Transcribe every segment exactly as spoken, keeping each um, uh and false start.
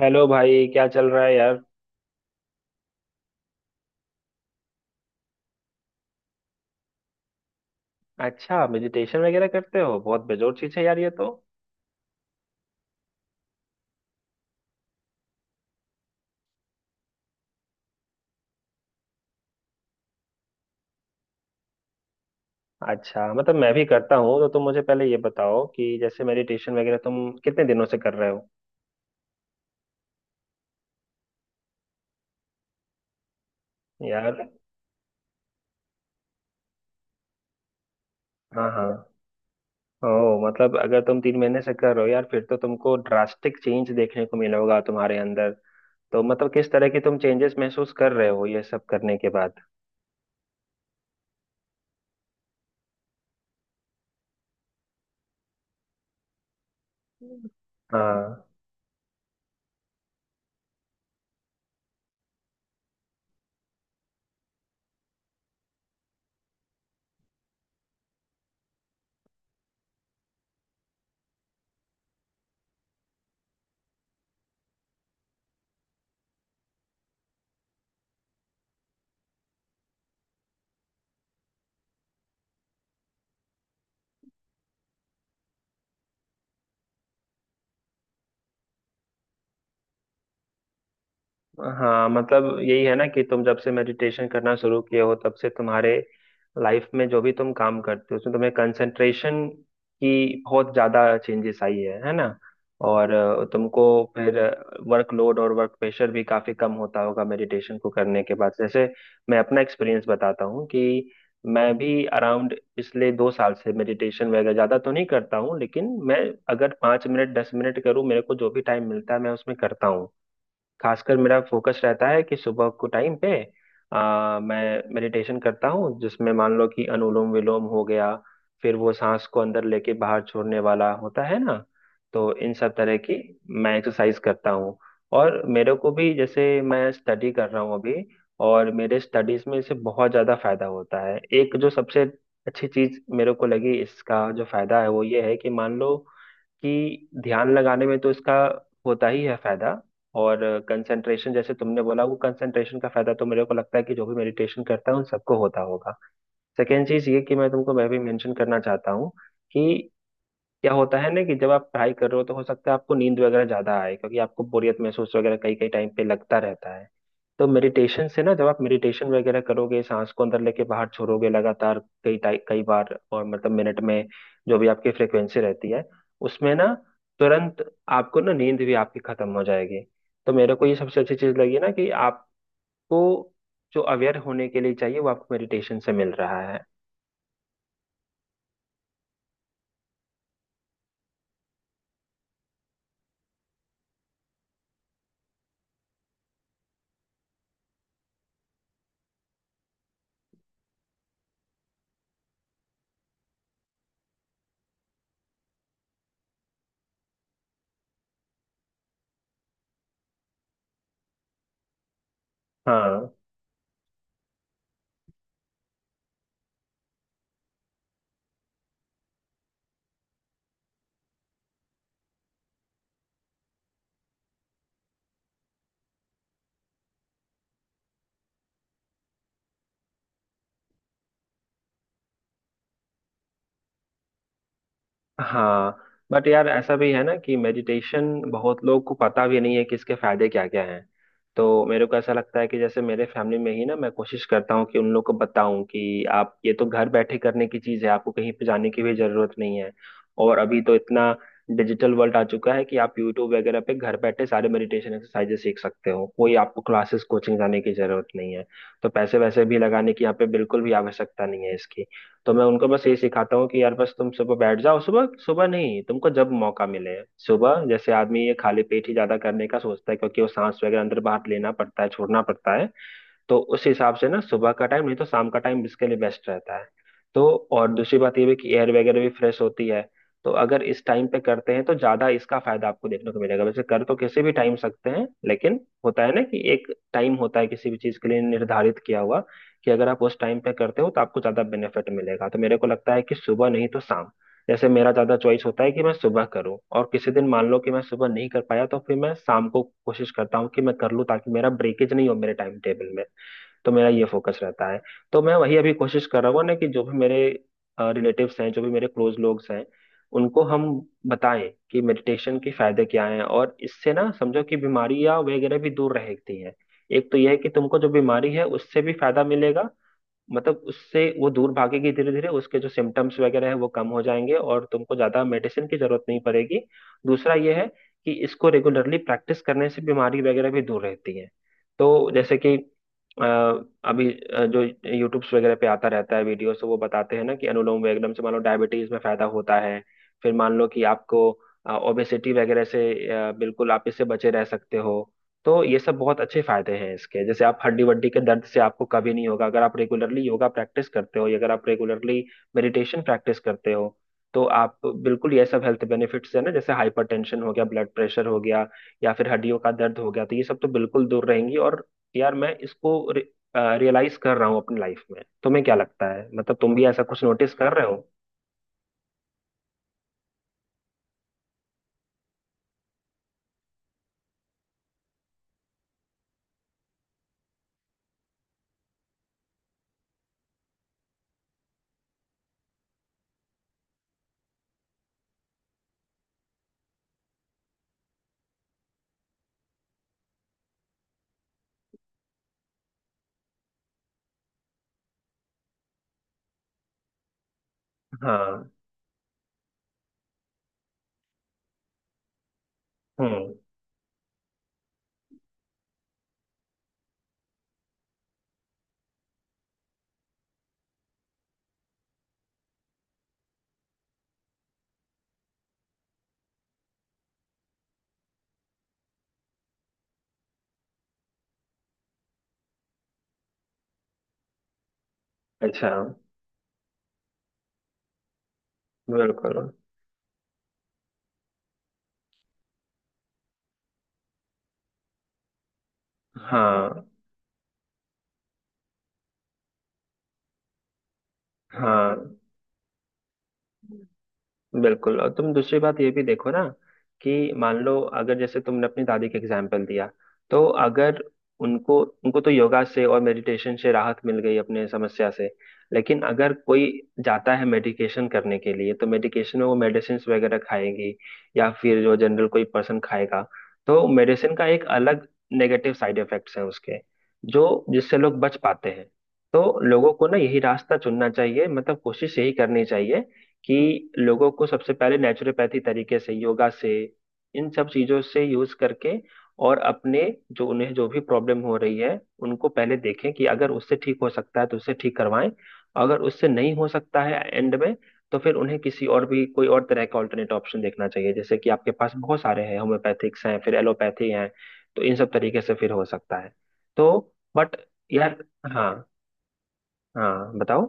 Hello भाई क्या चल रहा है यार। अच्छा, मेडिटेशन वगैरह करते हो, बहुत बेजोर चीज है यार ये तो। अच्छा, मतलब मैं भी करता हूँ। तो तुम मुझे पहले ये बताओ कि जैसे मेडिटेशन वगैरह तुम कितने दिनों से कर रहे हो। यार। हाँ हाँ। ओ। मतलब अगर तुम तीन महीने से कर रहे हो यार फिर तो तुमको ड्रास्टिक चेंज देखने को मिला होगा तुम्हारे अंदर। तो मतलब किस तरह की तुम चेंजेस महसूस कर रहे हो ये सब करने के बाद। हाँ। हाँ मतलब यही है ना कि तुम जब से मेडिटेशन करना शुरू किए हो तब से तुम्हारे लाइफ में जो भी तुम काम करते हो उसमें तुम्हें कंसंट्रेशन की बहुत ज्यादा चेंजेस आई है है ना। और अ, तुमको फिर वर्कलोड और वर्क प्रेशर भी काफी कम होता होगा मेडिटेशन को करने के बाद। जैसे मैं अपना एक्सपीरियंस बताता हूँ कि मैं भी अराउंड पिछले दो साल से मेडिटेशन वगैरह ज्यादा तो नहीं करता हूँ, लेकिन मैं अगर पाँच मिनट दस मिनट करूँ, मेरे को जो भी टाइम मिलता है मैं उसमें करता हूँ। खासकर मेरा फोकस रहता है कि सुबह को टाइम पे आ, मैं मेडिटेशन करता हूँ जिसमें मान लो कि अनुलोम विलोम हो गया। फिर वो सांस को अंदर लेके बाहर छोड़ने वाला होता है ना। तो इन सब तरह की मैं एक्सरसाइज करता हूँ। और मेरे को भी, जैसे मैं स्टडी कर रहा हूँ अभी, और मेरे स्टडीज में इससे बहुत ज़्यादा फायदा होता है। एक जो सबसे अच्छी चीज़ मेरे को लगी इसका जो फायदा है वो ये है कि मान लो कि ध्यान लगाने में तो इसका होता ही है फायदा। और कंसंट्रेशन जैसे तुमने बोला, वो कंसंट्रेशन का फायदा तो मेरे को लगता है कि जो भी मेडिटेशन करता है उन सबको होता होगा। सेकेंड चीज ये कि मैं तुमको मैं भी मेंशन करना चाहता हूँ कि क्या होता है ना कि जब आप पढ़ाई कर रहे हो तो हो सकता है आपको नींद वगैरह ज्यादा आए क्योंकि आपको बोरियत महसूस वगैरह कई कई टाइम पे लगता रहता है। तो मेडिटेशन से ना, जब आप मेडिटेशन वगैरह करोगे सांस को अंदर लेके बाहर छोड़ोगे लगातार कई टाइ- कई बार और मतलब मिनट में जो भी आपकी फ्रिक्वेंसी रहती है उसमें ना तुरंत आपको ना नींद भी आपकी खत्म हो जाएगी। तो मेरे को ये सबसे अच्छी चीज लगी ना कि आपको जो अवेयर होने के लिए चाहिए वो आपको मेडिटेशन से मिल रहा है। हाँ हाँ। बट यार ऐसा भी है ना कि मेडिटेशन बहुत लोग को पता भी नहीं है कि इसके फायदे क्या क्या हैं। तो मेरे को ऐसा लगता है कि जैसे मेरे फैमिली में ही ना मैं कोशिश करता हूँ कि उन लोग को बताऊं कि आप ये तो घर बैठे करने की चीज़ है, आपको कहीं पे जाने की भी जरूरत नहीं है। और अभी तो इतना डिजिटल वर्ल्ड आ चुका है कि आप यूट्यूब वगैरह पे घर बैठे सारे मेडिटेशन एक्सरसाइजेस सीख सकते हो, कोई आपको क्लासेस कोचिंग जाने की जरूरत नहीं है। तो पैसे वैसे भी लगाने की यहाँ पे बिल्कुल भी आवश्यकता नहीं है इसकी। तो मैं उनको बस ये सिखाता हूँ कि यार बस तुम सुबह बैठ जाओ, सुबह सुबह नहीं तुमको जब मौका मिले। सुबह जैसे आदमी ये खाली पेट ही ज्यादा करने का सोचता है क्योंकि वो सांस वगैरह अंदर बाहर लेना पड़ता है छोड़ना पड़ता है। तो उस हिसाब से ना सुबह का टाइम नहीं तो शाम का टाइम इसके लिए बेस्ट रहता है। तो और दूसरी बात ये भी कि एयर वगैरह भी फ्रेश होती है। तो अगर इस टाइम पे करते हैं तो ज्यादा इसका फायदा आपको देखने को मिलेगा, वैसे कर तो किसी भी टाइम सकते हैं, लेकिन होता है ना कि एक टाइम होता है किसी भी चीज के लिए निर्धारित किया हुआ कि अगर आप उस टाइम पे करते हो तो आपको ज्यादा बेनिफिट मिलेगा। तो मेरे को लगता है कि सुबह नहीं तो शाम। जैसे मेरा ज्यादा चॉइस होता है कि मैं सुबह करूं, और किसी दिन मान लो कि मैं सुबह नहीं कर पाया तो फिर मैं शाम को कोशिश करता हूँ कि मैं कर लूँ ताकि मेरा ब्रेकेज नहीं हो मेरे टाइम टेबल में। तो मेरा ये फोकस रहता है। तो मैं वही अभी कोशिश कर रहा हूँ ना कि जो भी मेरे रिलेटिव्स हैं, जो भी मेरे क्लोज लोग हैं, उनको हम बताएं कि मेडिटेशन के फायदे क्या हैं और इससे ना समझो कि बीमारियां वगैरह भी दूर रहती हैं। एक तो यह है कि तुमको जो बीमारी है उससे भी फायदा मिलेगा, मतलब उससे वो दूर भागेगी धीरे धीरे, उसके जो सिम्टम्स वगैरह है वो कम हो जाएंगे और तुमको ज्यादा मेडिसिन की जरूरत नहीं पड़ेगी। दूसरा ये है कि इसको रेगुलरली प्रैक्टिस करने से बीमारी वगैरह भी दूर रहती है। तो जैसे कि अ, अभी अ, जो यूट्यूब्स वगैरह पे आता रहता है वीडियो, तो वो बताते हैं ना कि अनुलोम विलोम से मान लो डायबिटीज में फायदा होता है। फिर मान लो कि आपको ओबेसिटी वगैरह से अ, बिल्कुल आप इससे बचे रह सकते हो। तो ये सब बहुत अच्छे फायदे हैं इसके, जैसे आप हड्डी वड्डी के दर्द से आपको कभी नहीं होगा अगर आप रेगुलरली योगा प्रैक्टिस करते हो या अगर आप रेगुलरली मेडिटेशन प्रैक्टिस करते हो। तो आप बिल्कुल, ये सब हेल्थ बेनिफिट्स है ना जैसे हाइपरटेंशन हो गया, ब्लड प्रेशर हो गया या फिर हड्डियों का दर्द हो गया, तो ये सब तो बिल्कुल दूर रहेंगी। और यार मैं इसको रियलाइज कर रहा हूँ अपनी लाइफ में। तुम्हें क्या लगता है, मतलब तुम भी ऐसा कुछ नोटिस कर रहे हो। हाँ। हम्म। अच्छा। बिल्कुल। हाँ हाँ बिल्कुल। और तुम दूसरी बात ये भी देखो ना कि मान लो अगर जैसे तुमने अपनी दादी का एग्जाम्पल दिया, तो अगर उनको उनको तो योगा से और मेडिटेशन से राहत मिल गई अपने समस्या से। लेकिन अगर कोई जाता है मेडिकेशन करने के लिए तो मेडिकेशन में वो मेडिसिन वगैरह खाएगी, या फिर जो जनरल कोई पर्सन खाएगा, तो मेडिसिन का एक अलग नेगेटिव साइड इफेक्ट्स है उसके, जो जिससे लोग बच पाते हैं। तो लोगों को ना यही रास्ता चुनना चाहिए, मतलब कोशिश यही करनी चाहिए कि लोगों को सबसे पहले नेचुरोपैथी तरीके से, योगा से, इन सब चीजों से यूज करके और अपने, जो उन्हें जो भी प्रॉब्लम हो रही है उनको पहले देखें कि अगर उससे ठीक हो सकता है तो उससे ठीक करवाएं। अगर उससे नहीं हो सकता है एंड में, तो फिर उन्हें किसी और भी, कोई और तरह का ऑल्टरनेट ऑप्शन देखना चाहिए, जैसे कि आपके पास बहुत सारे हैं, होम्योपैथिक्स हैं, फिर एलोपैथी हैं। तो इन सब तरीके से फिर हो सकता है। तो बट यार। हाँ हाँ बताओ।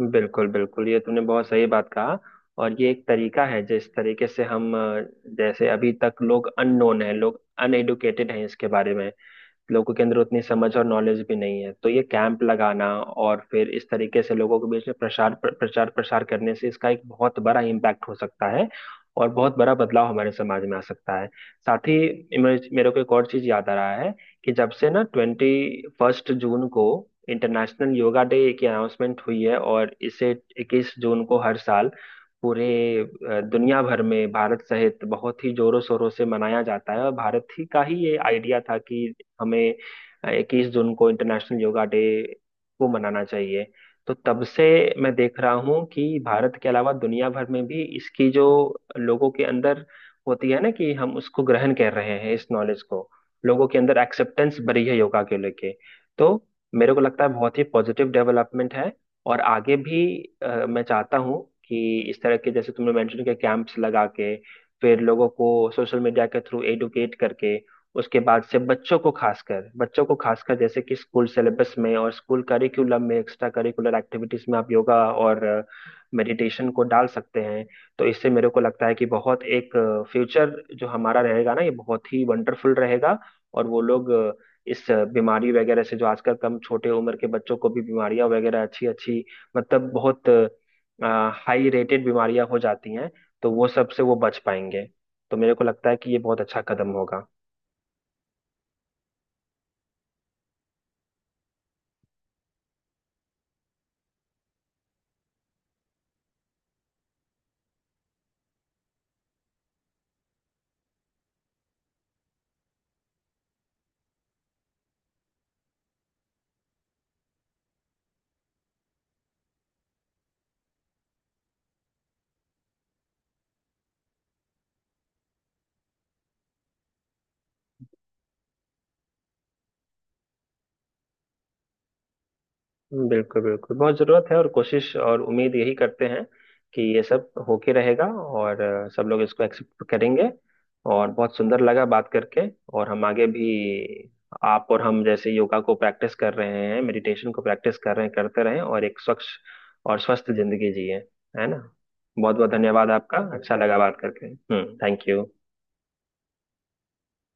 बिल्कुल बिल्कुल, ये तूने बहुत सही बात कहा। और ये एक तरीका है जिस तरीके से हम अ, जैसे अभी तक लोग अननोन है, लोग अनएडुकेटेड हैं इसके बारे में, लोगों के अंदर उतनी समझ और नॉलेज भी नहीं है। तो ये कैंप लगाना और फिर इस तरीके से लोगों के बीच में प्रसार प्र- प्रचार प्रसार करने से इसका एक बहुत बड़ा इम्पैक्ट हो सकता है और बहुत बड़ा बदलाव हमारे समाज में आ सकता है। साथ ही इमर्ज- मेरे को एक और चीज याद आ रहा है कि जब से ना ट्वेंटी फर्स्ट जून को इंटरनेशनल योगा डे की अनाउंसमेंट हुई है, और इसे इक्कीस जून को हर साल पूरे अ, दुनिया भर में भारत सहित बहुत ही जोरों शोरों से मनाया जाता है, और भारत ही का ही ये आइडिया था कि हमें इक्कीस जून को इंटरनेशनल योगा डे को मनाना चाहिए। तो तब से मैं देख रहा हूँ कि भारत के अलावा दुनिया भर में भी इसकी जो लोगों के अंदर होती है ना कि हम उसको ग्रहण कर रहे हैं इस नॉलेज को, लोगों के अंदर एक्सेप्टेंस बढ़ी है योगा के लेके। तो मेरे को लगता है बहुत ही पॉजिटिव डेवलपमेंट है। और आगे भी अ, मैं चाहता हूँ कि इस तरह के, जैसे तुमने मेंशन किया, कैंप्स लगा के फिर लोगों को सोशल मीडिया के थ्रू एडुकेट करके, उसके बाद से बच्चों को खासकर, बच्चों को खासकर जैसे कि स्कूल सिलेबस में और स्कूल करिकुलम में एक्स्ट्रा करिकुलर एक्टिविटीज में आप योगा और मेडिटेशन को डाल सकते हैं। तो इससे मेरे को लगता है कि बहुत एक फ्यूचर जो हमारा रहेगा ना ये बहुत ही वंडरफुल रहेगा। और वो लोग अ, इस अ, बीमारी वगैरह से, जो आजकल कम छोटे उम्र के बच्चों को भी बीमारियां वगैरह अच्छी अच्छी, मतलब बहुत हाई रेटेड बीमारियां हो जाती हैं, तो वो सब से वो बच पाएंगे। तो मेरे को लगता है कि ये बहुत अच्छा कदम होगा। हम्म, बिल्कुल बिल्कुल, बहुत जरूरत है और कोशिश और उम्मीद यही करते हैं कि ये सब होके रहेगा, और अ, सब लोग इसको एक्सेप्ट करेंगे। और बहुत सुंदर लगा बात करके। और हम आगे भी, आप और हम जैसे योगा को प्रैक्टिस कर रहे हैं, मेडिटेशन को प्रैक्टिस कर रहे हैं, करते रहें और एक स्वच्छ और स्वस्थ जिंदगी जिए, है ना। बहुत बहुत धन्यवाद आपका। अच्छा लगा बात करके। हम्म। Thank you.